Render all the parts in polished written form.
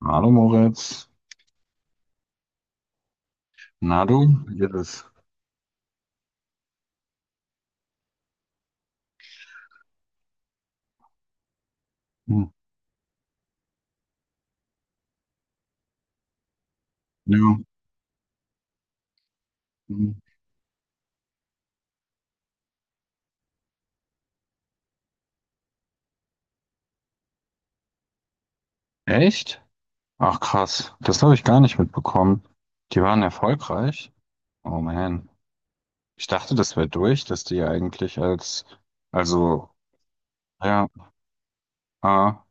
Hallo Moritz. Na du, wie geht es? Hm. Ja. Hm. Echt? Ach krass, das habe ich gar nicht mitbekommen. Die waren erfolgreich? Oh man. Ich dachte, das wäre durch, dass die eigentlich als, also, ja, ah,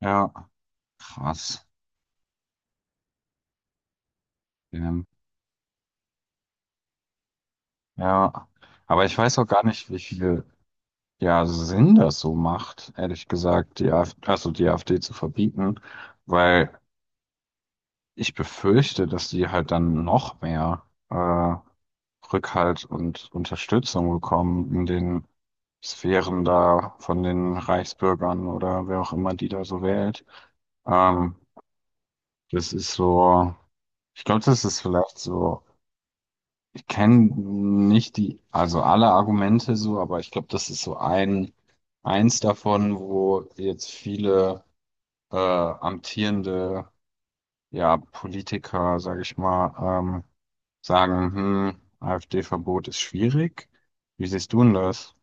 ja, krass. Ähm, ja, aber ich weiß auch gar nicht, wie viel, ja, Sinn das so macht, ehrlich gesagt, die AfD, also die AfD zu verbieten, weil ich befürchte, dass die halt dann noch mehr, äh, Rückhalt und Unterstützung bekommen in den Sphären da von den Reichsbürgern oder wer auch immer die da so wählt. Ähm, Das ist so, ich glaube, das ist vielleicht so, ich kenne nicht die, also alle Argumente so, aber ich glaube, das ist so ein, eins davon, wo jetzt viele amtierende, ja, Politiker, sage ich mal, ähm, sagen, AfD-Verbot ist schwierig. Wie siehst du denn das?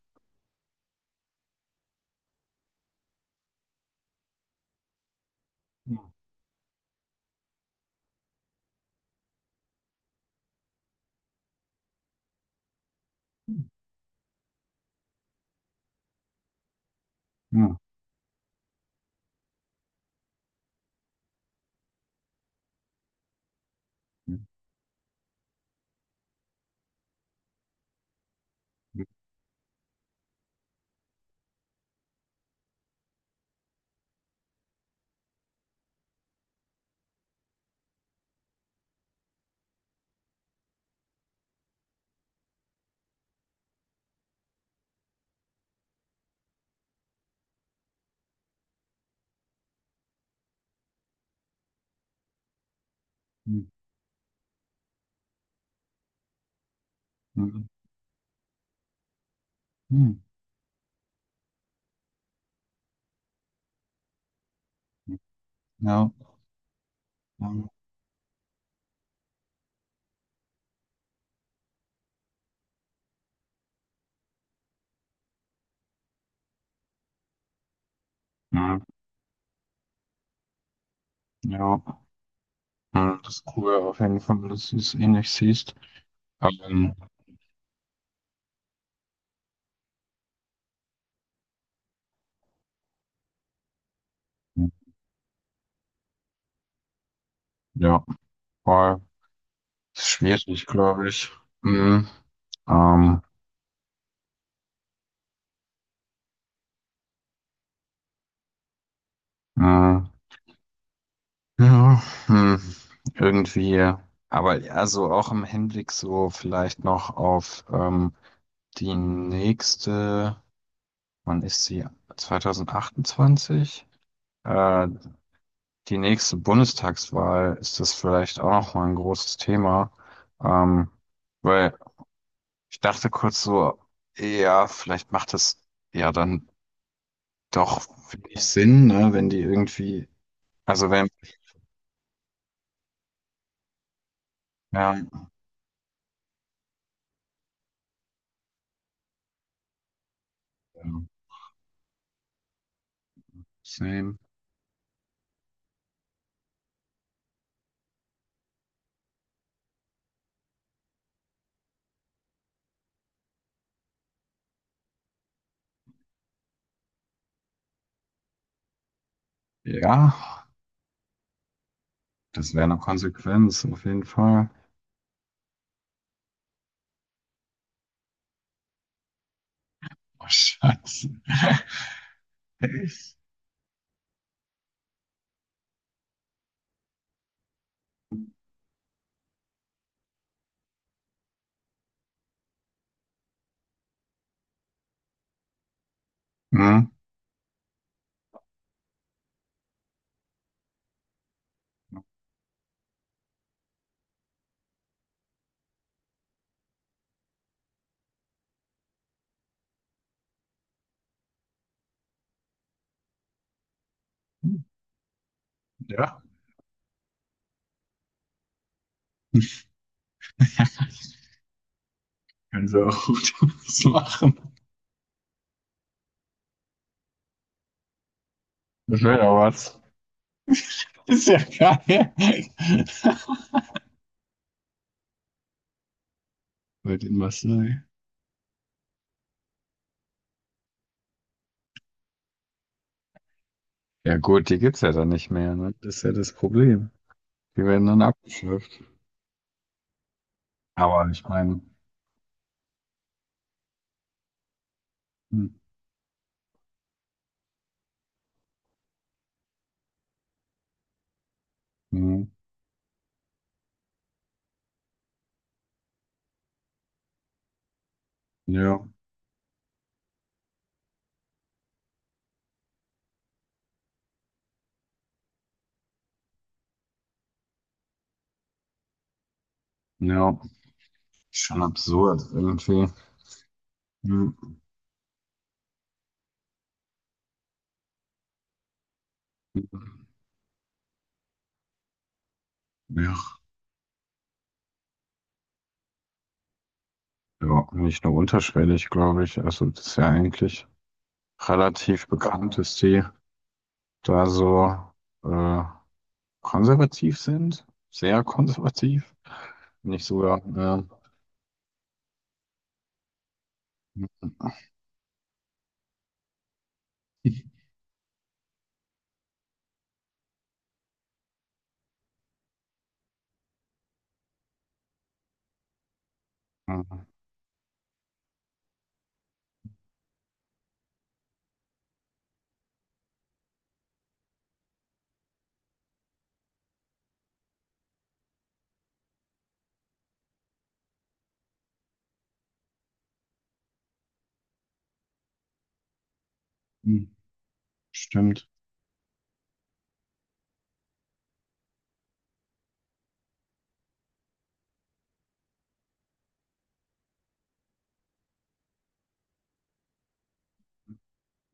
Hm. Hm. Hm. Hm. Ja, ähm, hm. Ja, hm. Das ist cool auf jeden Fall, dass du es ähnlich siehst. Ähm, ja, war schwierig, glaube ich. Hm. Ähm, hm. Ja, hm. Irgendwie, aber ja, so auch im Hinblick so vielleicht noch auf die nächste, wann ist sie? 2028? Äh, Die nächste Bundestagswahl ist das vielleicht auch noch mal ein großes Thema, ähm, weil ich dachte kurz so, ja, vielleicht macht es ja dann doch wenig Sinn, ne, wenn die irgendwie, also wenn, ja, ja, same, ja, das wäre eine Konsequenz auf jeden Fall. Oh, Scheiße. Hm, ja, können sie auch gut was machen. Das wäre ja was. Ist ja geil. Weil die Masse, ja gut, die gibt's ja dann nicht mehr, ne? Das ist ja das Problem. Die werden dann abgeschafft. Aber ich meine, hm, hm, ja, ja, schon absurd irgendwie. Hm, hm, Ja, ja, nicht nur unterschwellig, glaube ich. Also das ist ja eigentlich relativ bekannt, dass die da so äh, konservativ sind, sehr konservativ. Nicht sogar, ja. Ja. Hm, hm, hm, Stimmt.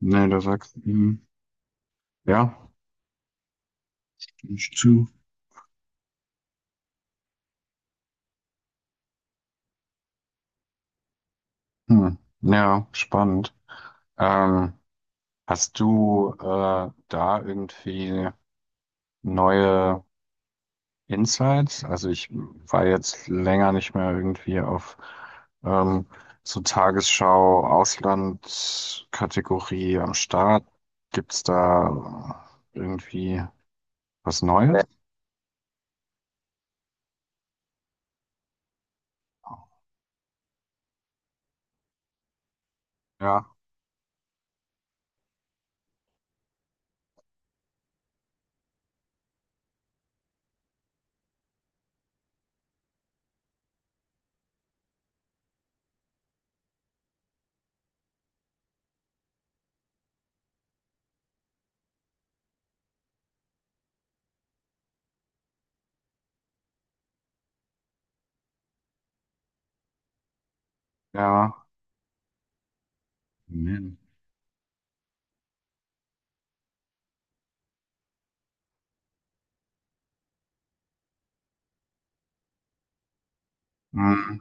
Nee, da sagst du, ja, nicht zu. Hm. Ja, spannend. Ähm, Hast du da irgendwie neue Insights? Also ich war jetzt länger nicht mehr irgendwie auf ähm, so Tagesschau, Auslandkategorie am Start. Gibt's da irgendwie was Neues? Ja, ja. Man. Hm.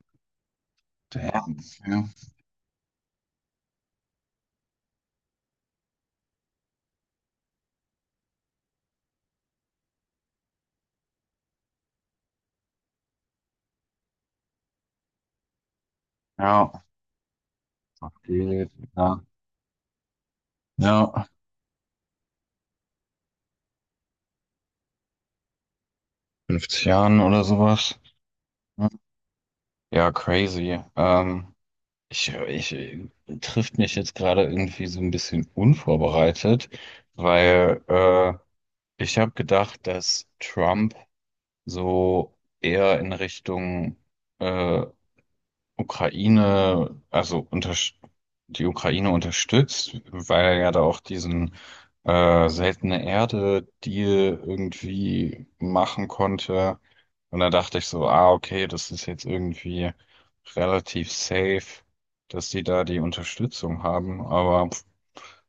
Damn. Ja. Ja, das geht. Ja. Ja, 50 Jahren oder sowas. Hm. Ja, crazy. Ich, ich Trifft mich jetzt gerade irgendwie so ein bisschen unvorbereitet, weil ich habe gedacht, dass Trump so eher in Richtung äh, Ukraine, also unter, die Ukraine unterstützt, weil er ja da auch diesen seltene Erde-Deal irgendwie machen konnte. Und da dachte ich so, ah, okay, das ist jetzt irgendwie relativ safe, dass die da die Unterstützung haben. Aber pf,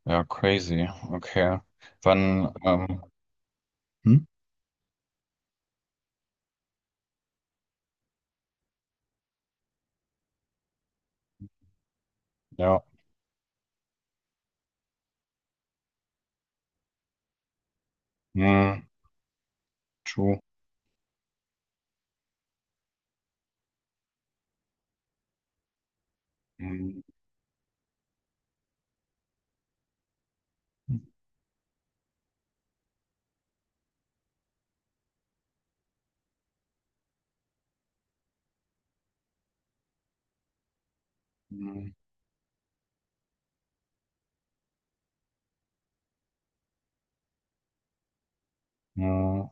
ja, crazy. Okay. Wann, hm? Ja, hm, true. Hm, hm, hm,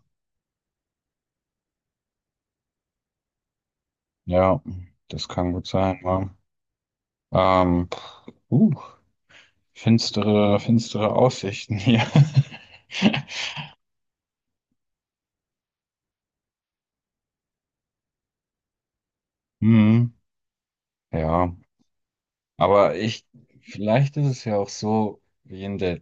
ja, das kann gut sein, ja. Ähm, uh, Finstere, finstere Aussichten hier. Hm, ja, aber ich, vielleicht ist es ja auch so wie in der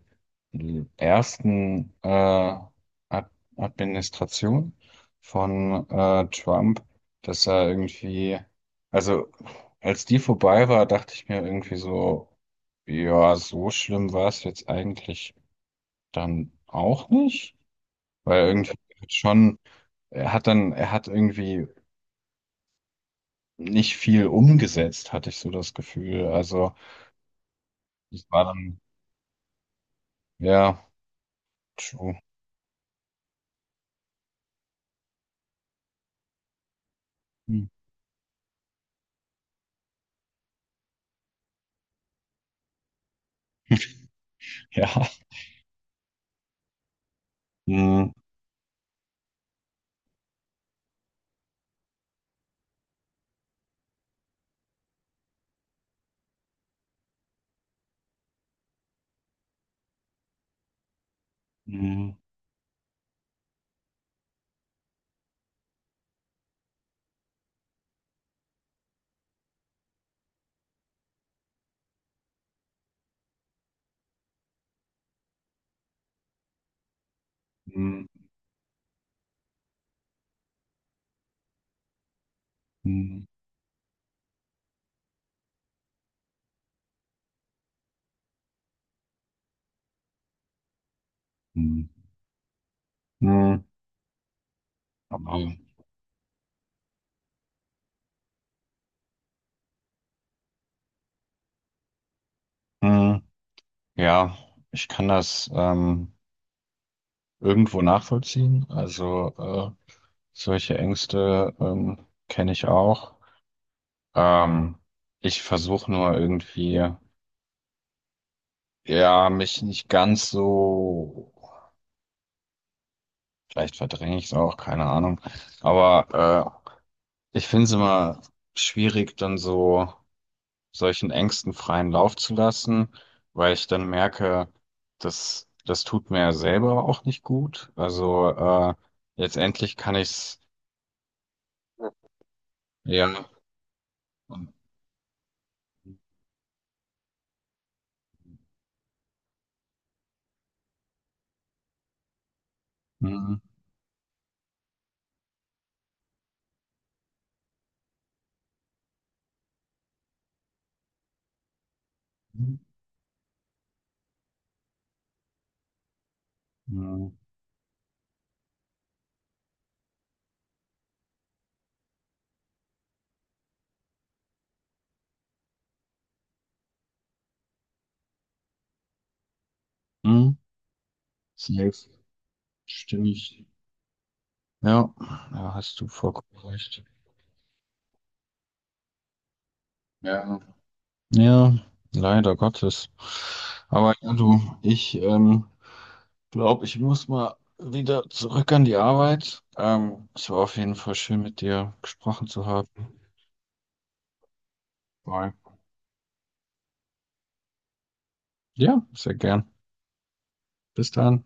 ersten Ad Administration von Trump, dass er irgendwie, also als die vorbei war, dachte ich mir irgendwie so, ja, so schlimm war es jetzt eigentlich dann auch nicht, weil irgendwie schon. Er hat irgendwie nicht viel umgesetzt, hatte ich so das Gefühl. Also, das war dann, ja, true. Hm. Ja. Hm, hm, hm, hm, hm, hm. Aber, hm, ja, ich kann das irgendwo nachvollziehen. Also, solche Ängste kenne ich auch. Ähm, Ich versuche nur irgendwie, ja, mich nicht ganz so. Vielleicht verdränge ich es auch, keine Ahnung. Aber ich finde es immer schwierig, dann so solchen Ängsten freien Lauf zu lassen, weil ich dann merke, das tut mir ja selber auch nicht gut. Also letztendlich kann ich's ja. Mhm. Mhm. Mhm. Safe. Stimme Ja, da hast du vollkommen recht. Ja. Ja, leider Gottes. Aber ja, du, ich glaube, ich muss mal wieder zurück an die Arbeit. Es war auf jeden Fall schön, mit dir gesprochen zu haben. Bye. Ja, sehr gern. Bis dann.